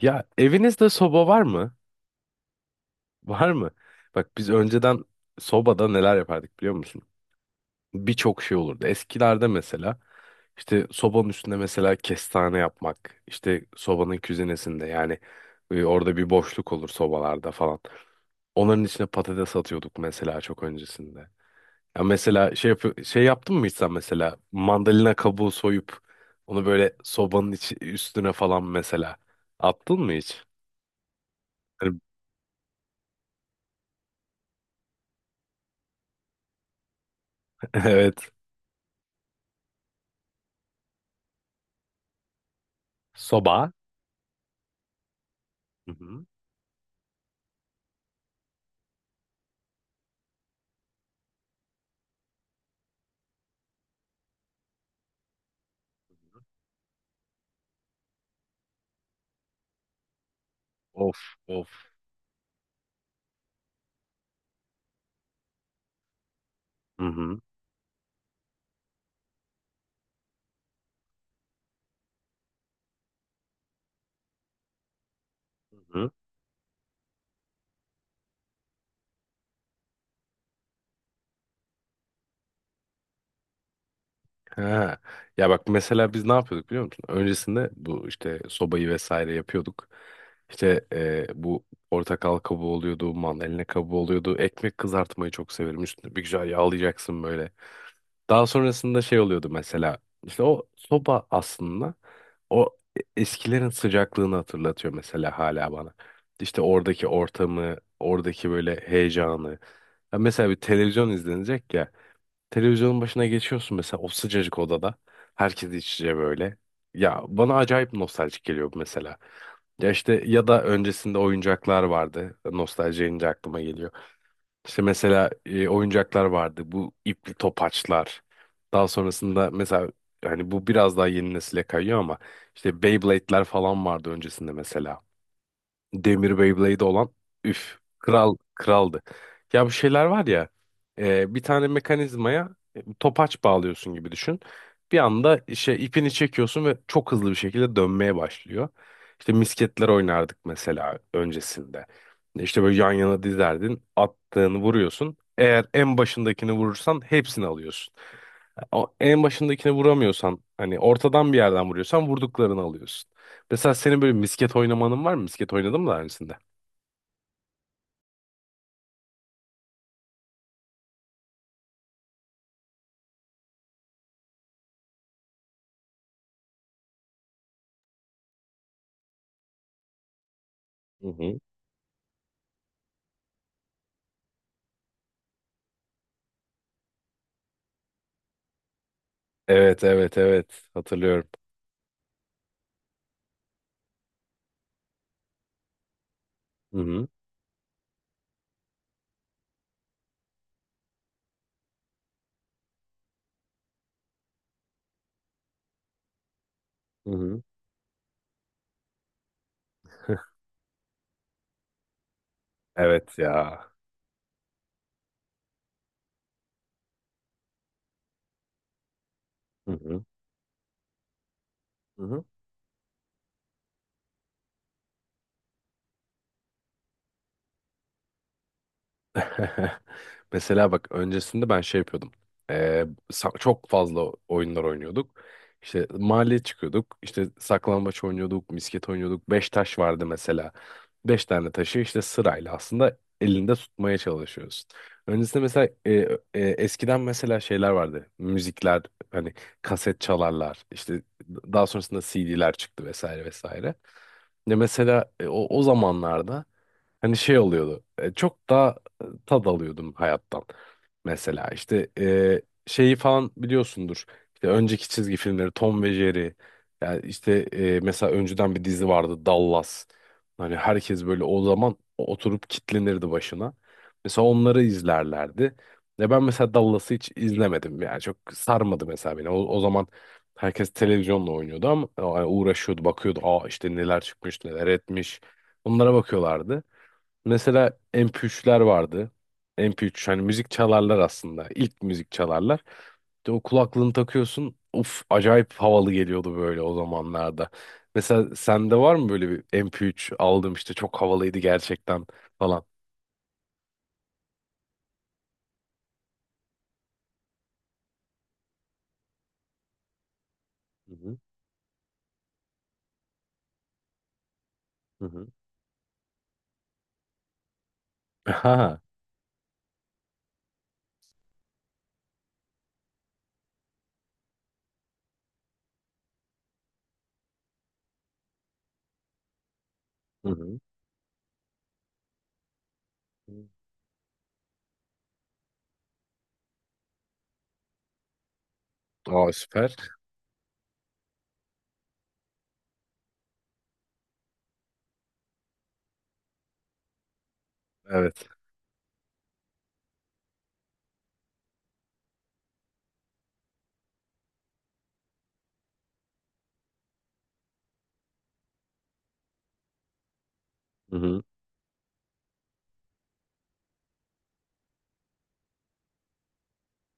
Ya evinizde soba var mı? Var mı? Bak biz önceden sobada neler yapardık biliyor musun? Birçok şey olurdu. Eskilerde mesela işte sobanın üstünde mesela kestane yapmak, işte sobanın küzinesinde yani orada bir boşluk olur sobalarda falan. Onların içine patates atıyorduk mesela çok öncesinde. Ya mesela şey yaptın mı hiç sen mesela mandalina kabuğu soyup onu böyle sobanın içi, üstüne falan mesela attın mı hiç? Evet. Soba. Hı hı. Of of. Hı hı. Hı hı. Ha. Ya bak mesela biz ne yapıyorduk biliyor musun? Öncesinde bu işte sobayı vesaire yapıyorduk. İşte bu portakal kabuğu oluyordu, mandalina kabuğu oluyordu. Ekmek kızartmayı çok severim. Üstüne bir güzel yağlayacaksın böyle. Daha sonrasında şey oluyordu mesela. İşte o soba aslında o eskilerin sıcaklığını hatırlatıyor mesela hala bana. İşte oradaki ortamı, oradaki böyle heyecanı. Ya mesela bir televizyon izlenecek ya. Televizyonun başına geçiyorsun mesela o sıcacık odada. Herkes iç içe böyle. Ya bana acayip nostaljik geliyor bu mesela. Ya işte ya da öncesinde oyuncaklar vardı. Nostalji deyince aklıma geliyor. İşte mesela oyuncaklar vardı. Bu ipli topaçlar. Daha sonrasında mesela hani bu biraz daha yeni nesile kayıyor ama işte Beyblade'ler falan vardı öncesinde mesela. Demir Beyblade olan üf kral kraldı. Ya bu şeyler var ya bir tane mekanizmaya topaç bağlıyorsun gibi düşün. Bir anda işte ipini çekiyorsun ve çok hızlı bir şekilde dönmeye başlıyor. İşte misketler oynardık mesela öncesinde. İşte böyle yan yana dizerdin, attığını vuruyorsun. Eğer en başındakini vurursan hepsini alıyorsun. O en başındakine vuramıyorsan hani ortadan bir yerden vuruyorsan vurduklarını alıyorsun. Mesela senin böyle misket oynamanın var mı? Misket oynadın mı daha öncesinde? Hı hı. Evet evet evet hatırlıyorum. Hı hı. Hı hı. Evet ya. Hı hı. Hı hı. Mesela bak öncesinde ben şey yapıyordum. Ee, Çok fazla oyunlar oynuyorduk. İşte mahalleye çıkıyorduk. İşte saklambaç oynuyorduk, misket oynuyorduk. Beş taş vardı mesela. Beş tane taşı işte sırayla aslında elinde tutmaya çalışıyorsun. Öncesinde mesela eskiden mesela şeyler vardı. Müzikler hani kaset çalarlar. İşte daha sonrasında CD'ler çıktı vesaire vesaire. Ne mesela o zamanlarda hani şey oluyordu. Çok daha tad alıyordum hayattan. Mesela işte şeyi falan biliyorsundur. İşte önceki çizgi filmleri Tom ve Jerry. Yani işte mesela önceden bir dizi vardı Dallas. Hani herkes böyle o zaman oturup kitlenirdi başına. Mesela onları izlerlerdi. Ve ben mesela Dallas'ı hiç izlemedim. Yani çok sarmadı mesela beni. O zaman herkes televizyonla oynuyordu ama yani uğraşıyordu, bakıyordu. Aa işte neler çıkmış, neler etmiş. Onlara bakıyorlardı. Mesela MP3'ler vardı. MP3 hani müzik çalarlar aslında. İlk müzik çalarlar. İşte o kulaklığını takıyorsun. Uf acayip havalı geliyordu böyle o zamanlarda. Mesela sende var mı böyle bir MP3 aldım işte çok havalıydı gerçekten falan. Hı hı. Hı hı. Ha. Hı hı. Aa süper. Evet. Hı hı.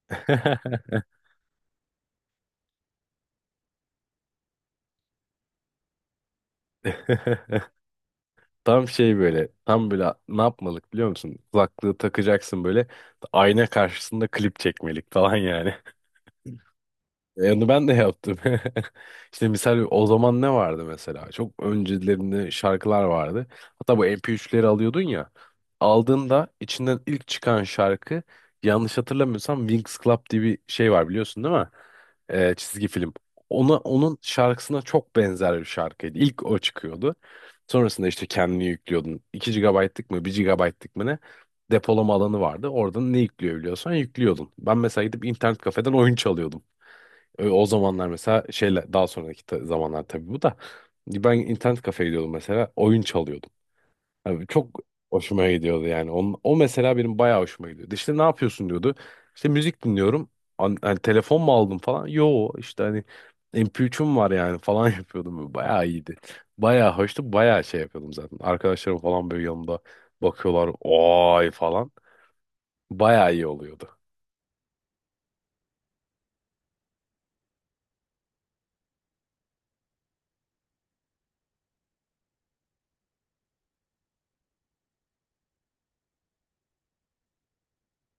Tam şey böyle, tam böyle ne yapmalık biliyor musun? Kulaklığı takacaksın böyle, ayna karşısında klip çekmelik falan yani. Onu ben de yaptım. İşte misal o zaman ne vardı mesela? Çok öncelerinde şarkılar vardı. Hatta bu MP3'leri alıyordun ya. Aldığında içinden ilk çıkan şarkı yanlış hatırlamıyorsam Winx Club diye bir şey var biliyorsun değil mi? Çizgi film. Onun şarkısına çok benzer bir şarkıydı. İlk o çıkıyordu. Sonrasında işte kendini yüklüyordun. 2 GB'lık mı bir GB'lık mı ne, depolama alanı vardı. Oradan ne yükleyebiliyorsan yüklüyordun. Ben mesela gidip internet kafeden oyun çalıyordum. O zamanlar mesela daha sonraki zamanlar tabii bu da ben internet kafeye gidiyordum mesela oyun çalıyordum. Abi çok hoşuma gidiyordu yani. O mesela benim bayağı hoşuma gidiyordu. İşte ne yapıyorsun diyordu. İşte müzik dinliyorum. Hani telefon mu aldım falan? Yo işte hani MP3'üm var yani falan yapıyordum. Bayağı iyiydi. Bayağı hoştu. Bayağı şey yapıyordum zaten. Arkadaşlarım falan böyle yanımda bakıyorlar. Oy falan. Bayağı iyi oluyordu.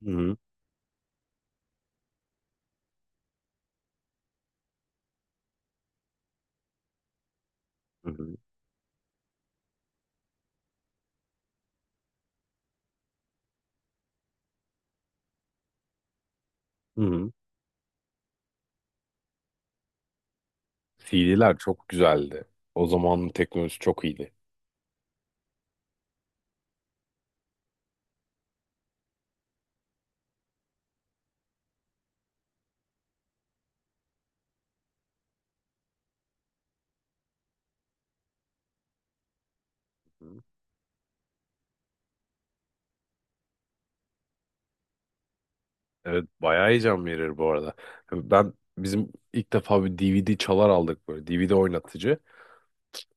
Hı hı. Hı hı. Hı hı. CD'ler çok güzeldi. O zamanın teknolojisi çok iyiydi. Hı. Evet bayağı heyecan verir bu arada. Ben bizim ilk defa bir DVD çalar aldık böyle DVD oynatıcı.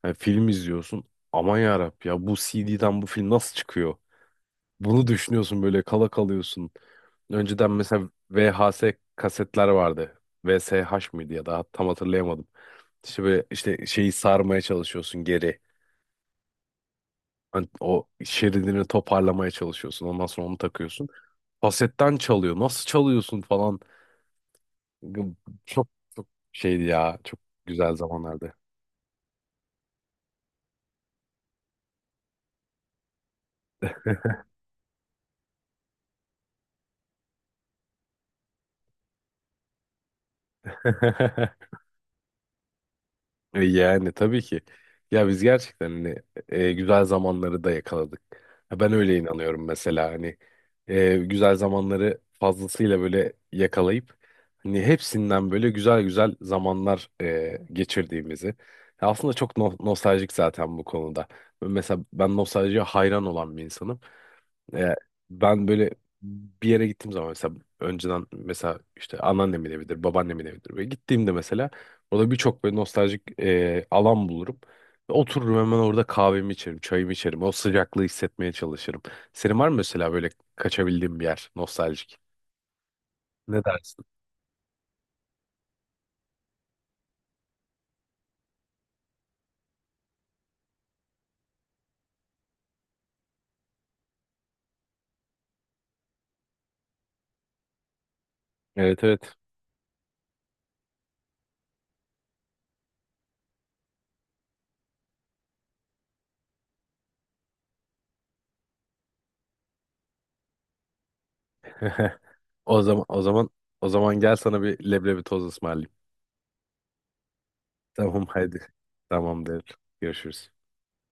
Yani film izliyorsun. Aman yarabbi ya bu CD'den bu film nasıl çıkıyor? Bunu düşünüyorsun böyle kala kalıyorsun. Önceden mesela VHS kasetler vardı. VSH mıydı ya da tam hatırlayamadım. İşte böyle işte şeyi sarmaya çalışıyorsun geri. Hani o şeridini toparlamaya çalışıyorsun. Ondan sonra onu takıyorsun. Kasetten çalıyor. Nasıl çalıyorsun falan. Çok çok şeydi ya. Çok güzel zamanlardı. Yani tabii ki. Ya biz gerçekten hani, güzel zamanları da yakaladık. Ha, Ben öyle inanıyorum mesela hani güzel zamanları fazlasıyla böyle yakalayıp hani hepsinden böyle güzel güzel zamanlar geçirdiğimizi. Ya aslında çok nostaljik zaten bu konuda. Mesela ben nostaljiye hayran olan bir insanım. E, Ben böyle bir yere gittiğim zaman mesela önceden mesela işte anneannemin evidir, babaannemin evidir. Böyle gittiğimde mesela orada birçok böyle nostaljik alan bulurum. Ve otururum hemen orada kahvemi içerim, çayımı içerim. O sıcaklığı hissetmeye çalışırım. Senin var mı mesela böyle kaçabildiğin bir yer nostaljik? Ne dersin? Evet evet. O zaman o zaman O zaman gel sana bir leblebi toz ısmarlayayım. Tamam haydi. Tamamdır. Görüşürüz.